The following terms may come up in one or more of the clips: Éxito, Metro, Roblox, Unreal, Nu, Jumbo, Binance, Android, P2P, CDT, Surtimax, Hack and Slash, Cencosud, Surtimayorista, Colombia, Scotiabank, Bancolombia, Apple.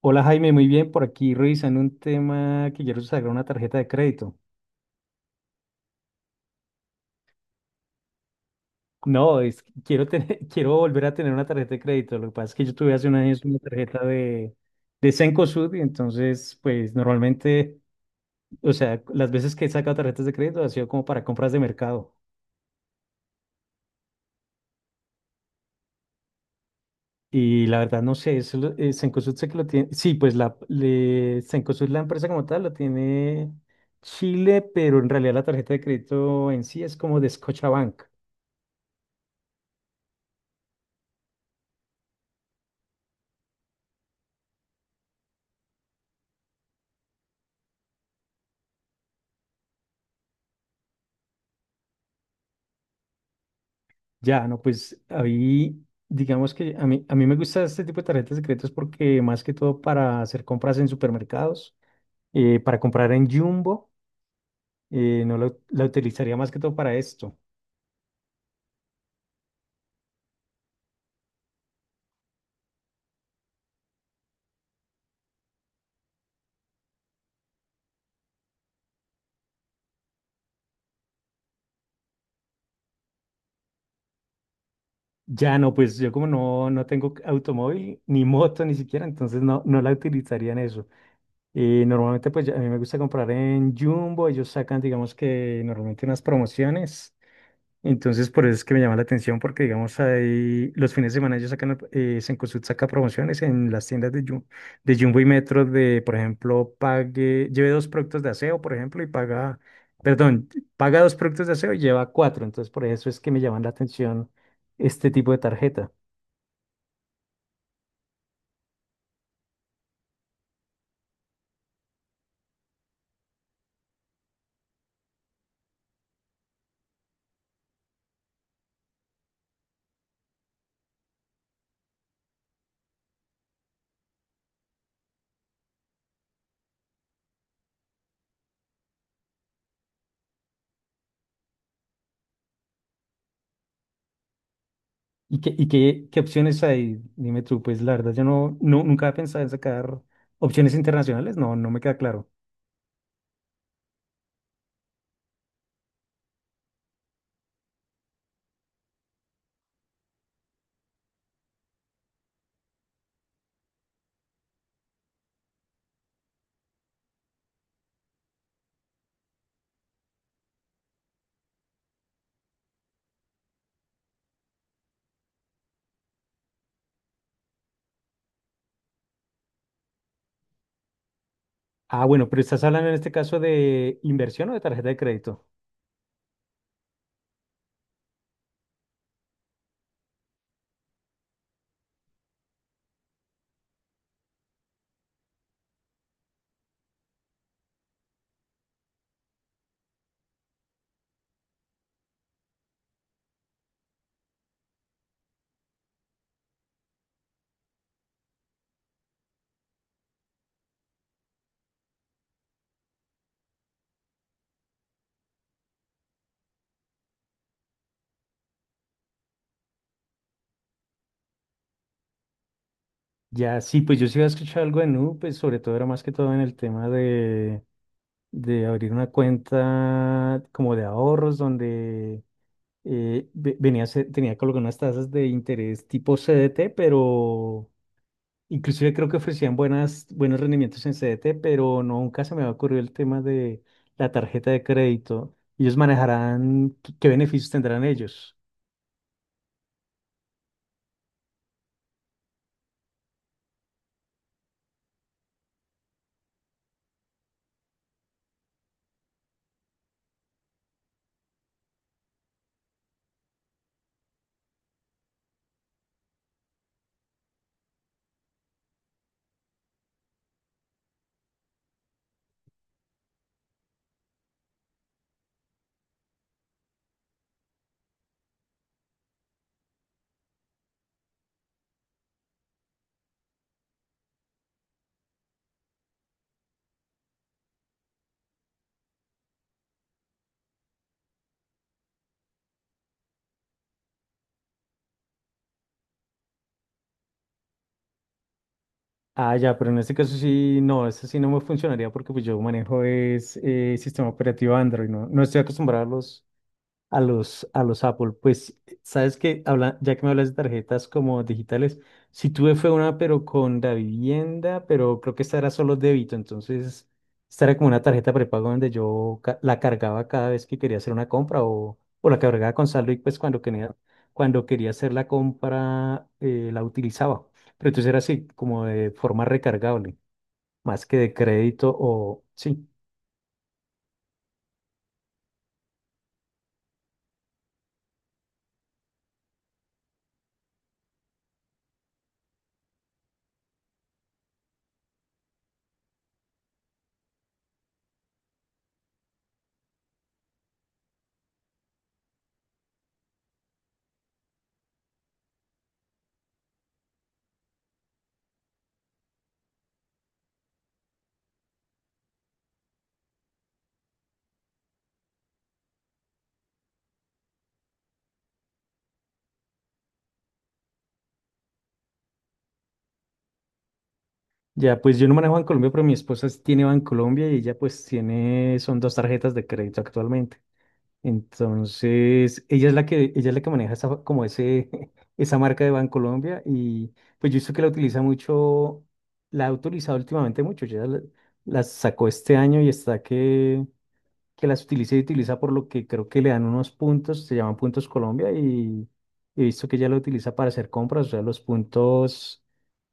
Hola Jaime, muy bien, por aquí revisando un tema que quiero sacar una tarjeta de crédito. No, es que quiero tener, quiero volver a tener una tarjeta de crédito. Lo que pasa es que yo tuve hace unos años una tarjeta de Cencosud y entonces, pues normalmente, o sea, las veces que he sacado tarjetas de crédito ha sido como para compras de mercado. Y la verdad no sé, eso, Cencosud sé que lo tiene, sí, pues Cencosud, la empresa como tal, lo tiene Chile, pero en realidad la tarjeta de crédito en sí es como de Scotiabank. Ya, no, pues ahí, digamos que a mí me gusta este tipo de tarjetas secretas porque más que todo para hacer compras en supermercados, para comprar en Jumbo, no la utilizaría más que todo para esto. Ya no, pues yo como no tengo automóvil ni moto ni siquiera, entonces no la utilizaría en eso. Normalmente pues a mí me gusta comprar en Jumbo, ellos sacan digamos que normalmente unas promociones. Entonces, por eso es que me llama la atención, porque digamos, ahí los fines de semana ellos sacan, Cencosud saca promociones en las tiendas de, de Jumbo y Metro de, por ejemplo, pague, lleve dos productos de aseo, por ejemplo, y paga, perdón, paga dos productos de aseo y lleva cuatro. Entonces, por eso es que me llaman la atención este tipo de tarjeta. Y qué, qué opciones hay? Dime tú, pues la verdad, yo nunca he pensado en sacar opciones internacionales, no, no me queda claro. Ah, bueno, pero estás hablando en este caso de inversión o de tarjeta de crédito. Ya, sí, pues yo sí había escuchado algo de Nu, pues sobre todo era más que todo en el tema de abrir una cuenta como de ahorros donde venía, tenía colocado unas tasas de interés tipo CDT, pero inclusive creo que ofrecían buenas, buenos rendimientos en CDT, pero nunca se me había ocurrido el tema de la tarjeta de crédito. ¿Ellos manejarán qué beneficios tendrán ellos? Ah, ya, pero en este caso sí, no, eso sí no me funcionaría porque pues yo manejo es sistema operativo Android, ¿no? No estoy acostumbrado a a los Apple. Pues, sabes que, habla, ya que me hablas de tarjetas como digitales, sí tuve fue una, pero con la vivienda, pero creo que esta era solo débito, entonces esta era como una tarjeta prepago donde yo la cargaba cada vez que quería hacer una compra o la cargaba con saldo y pues cuando quería hacer la compra la utilizaba. Pero entonces era así, como de forma recargable, más que de crédito o sí. Ya, pues yo no manejo Bancolombia, pero mi esposa sí tiene Bancolombia y ella pues tiene, son dos tarjetas de crédito actualmente. Entonces, ella es la que maneja esa, como ese, esa marca de Bancolombia y pues yo he visto que la utiliza mucho, la ha utilizado últimamente mucho, ya la sacó este año y está que las utiliza y utiliza por lo que creo que le dan unos puntos, se llaman puntos Colombia y he visto que ella lo utiliza para hacer compras, o sea, los puntos,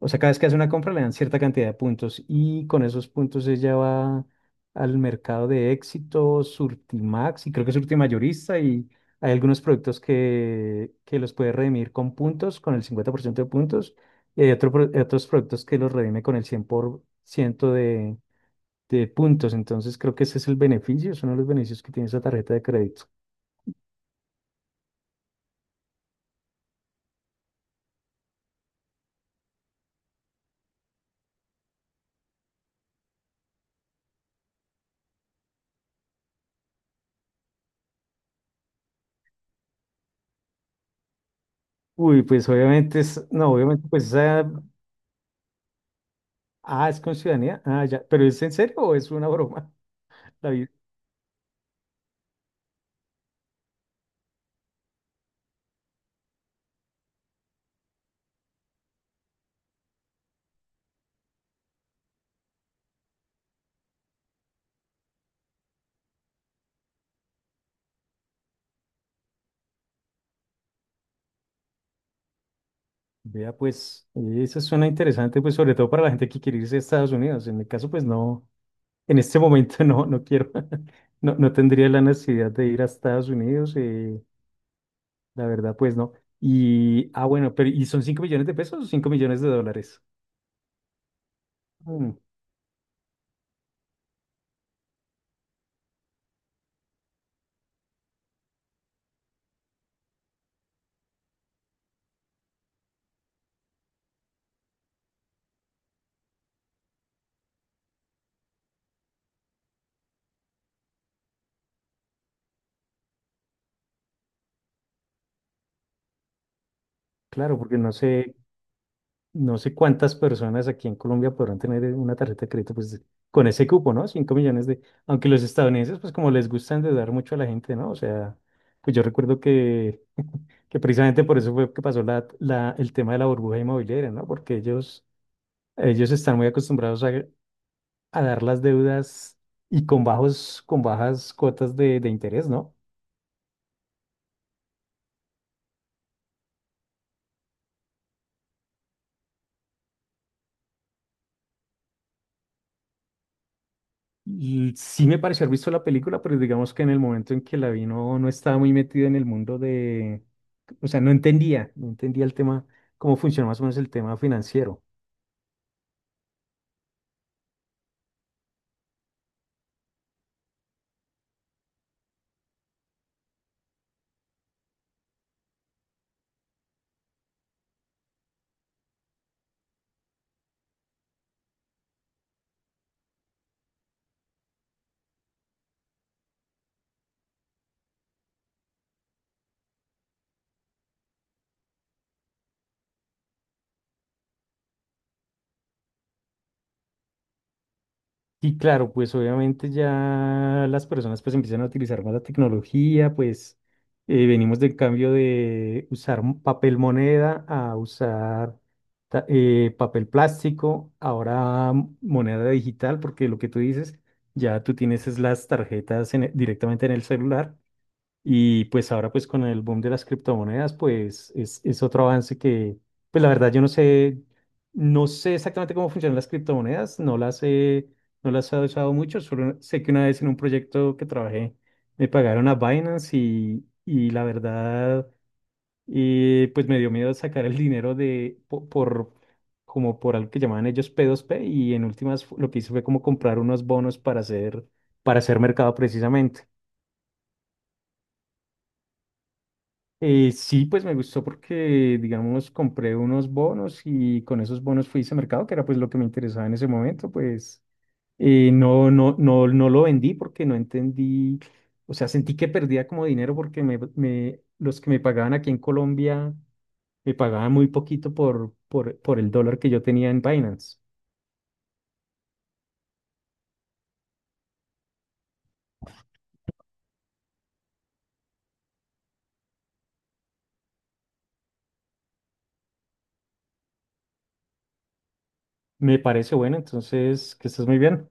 o sea, cada vez que hace una compra le dan cierta cantidad de puntos y con esos puntos ella va al mercado de Éxito, Surtimax y creo que Surtimayorista y hay algunos productos que los puede redimir con puntos, con el 50% de puntos y hay otros productos que los redime con el 100% de puntos. Entonces creo que ese es el beneficio, es uno de los beneficios que tiene esa tarjeta de crédito. Uy, pues obviamente es, no, obviamente pues esa, ah, es con ciudadanía, ah, ya, pero ¿es en serio o es una broma? la. Vea, pues, eso suena interesante, pues, sobre todo para la gente que quiere irse a Estados Unidos. En mi caso, pues, no, en este momento no, no quiero, no, no tendría la necesidad de ir a Estados Unidos, la verdad, pues, no. Y, ah, bueno, pero, ¿y son 5 millones de pesos o 5 millones de dólares? Mm, claro, porque no sé. No sé cuántas personas aquí en Colombia podrán tener una tarjeta de crédito pues, con ese cupo, ¿no? Cinco millones de... Aunque los estadounidenses, pues como les gusta endeudar mucho a la gente, ¿no? O sea, pues yo recuerdo que, que precisamente por eso fue que pasó la, el tema de la burbuja inmobiliaria, ¿no? Porque ellos están muy acostumbrados a dar las deudas y con bajos, con bajas cuotas de interés, ¿no? Sí me pareció haber visto la película, pero digamos que en el momento en que la vi no, no estaba muy metida en el mundo de, o sea, no entendía el tema, cómo funciona más o menos el tema financiero. Y claro, pues obviamente ya las personas pues empiezan a utilizar más la tecnología, pues venimos del cambio de usar papel moneda a usar papel plástico, ahora moneda digital, porque lo que tú dices, ya tú tienes es las tarjetas en directamente en el celular y pues ahora pues con el boom de las criptomonedas pues es otro avance que pues la verdad yo no sé, no sé exactamente cómo funcionan las criptomonedas, no las he, no las he usado mucho, solo sé que una vez en un proyecto que trabajé me pagaron a Binance y la verdad pues me dio miedo sacar el dinero de por, como por algo que llamaban ellos P2P y en últimas lo que hice fue como comprar unos bonos para hacer mercado precisamente. Sí, pues me gustó porque, digamos, compré unos bonos y con esos bonos fui a ese mercado, que era pues lo que me interesaba en ese momento, pues no, no lo vendí porque no entendí, o sea, sentí que perdía como dinero porque los que me pagaban aquí en Colombia me pagaban muy poquito por, por el dólar que yo tenía en Binance. Me parece bueno, entonces, que estás muy bien.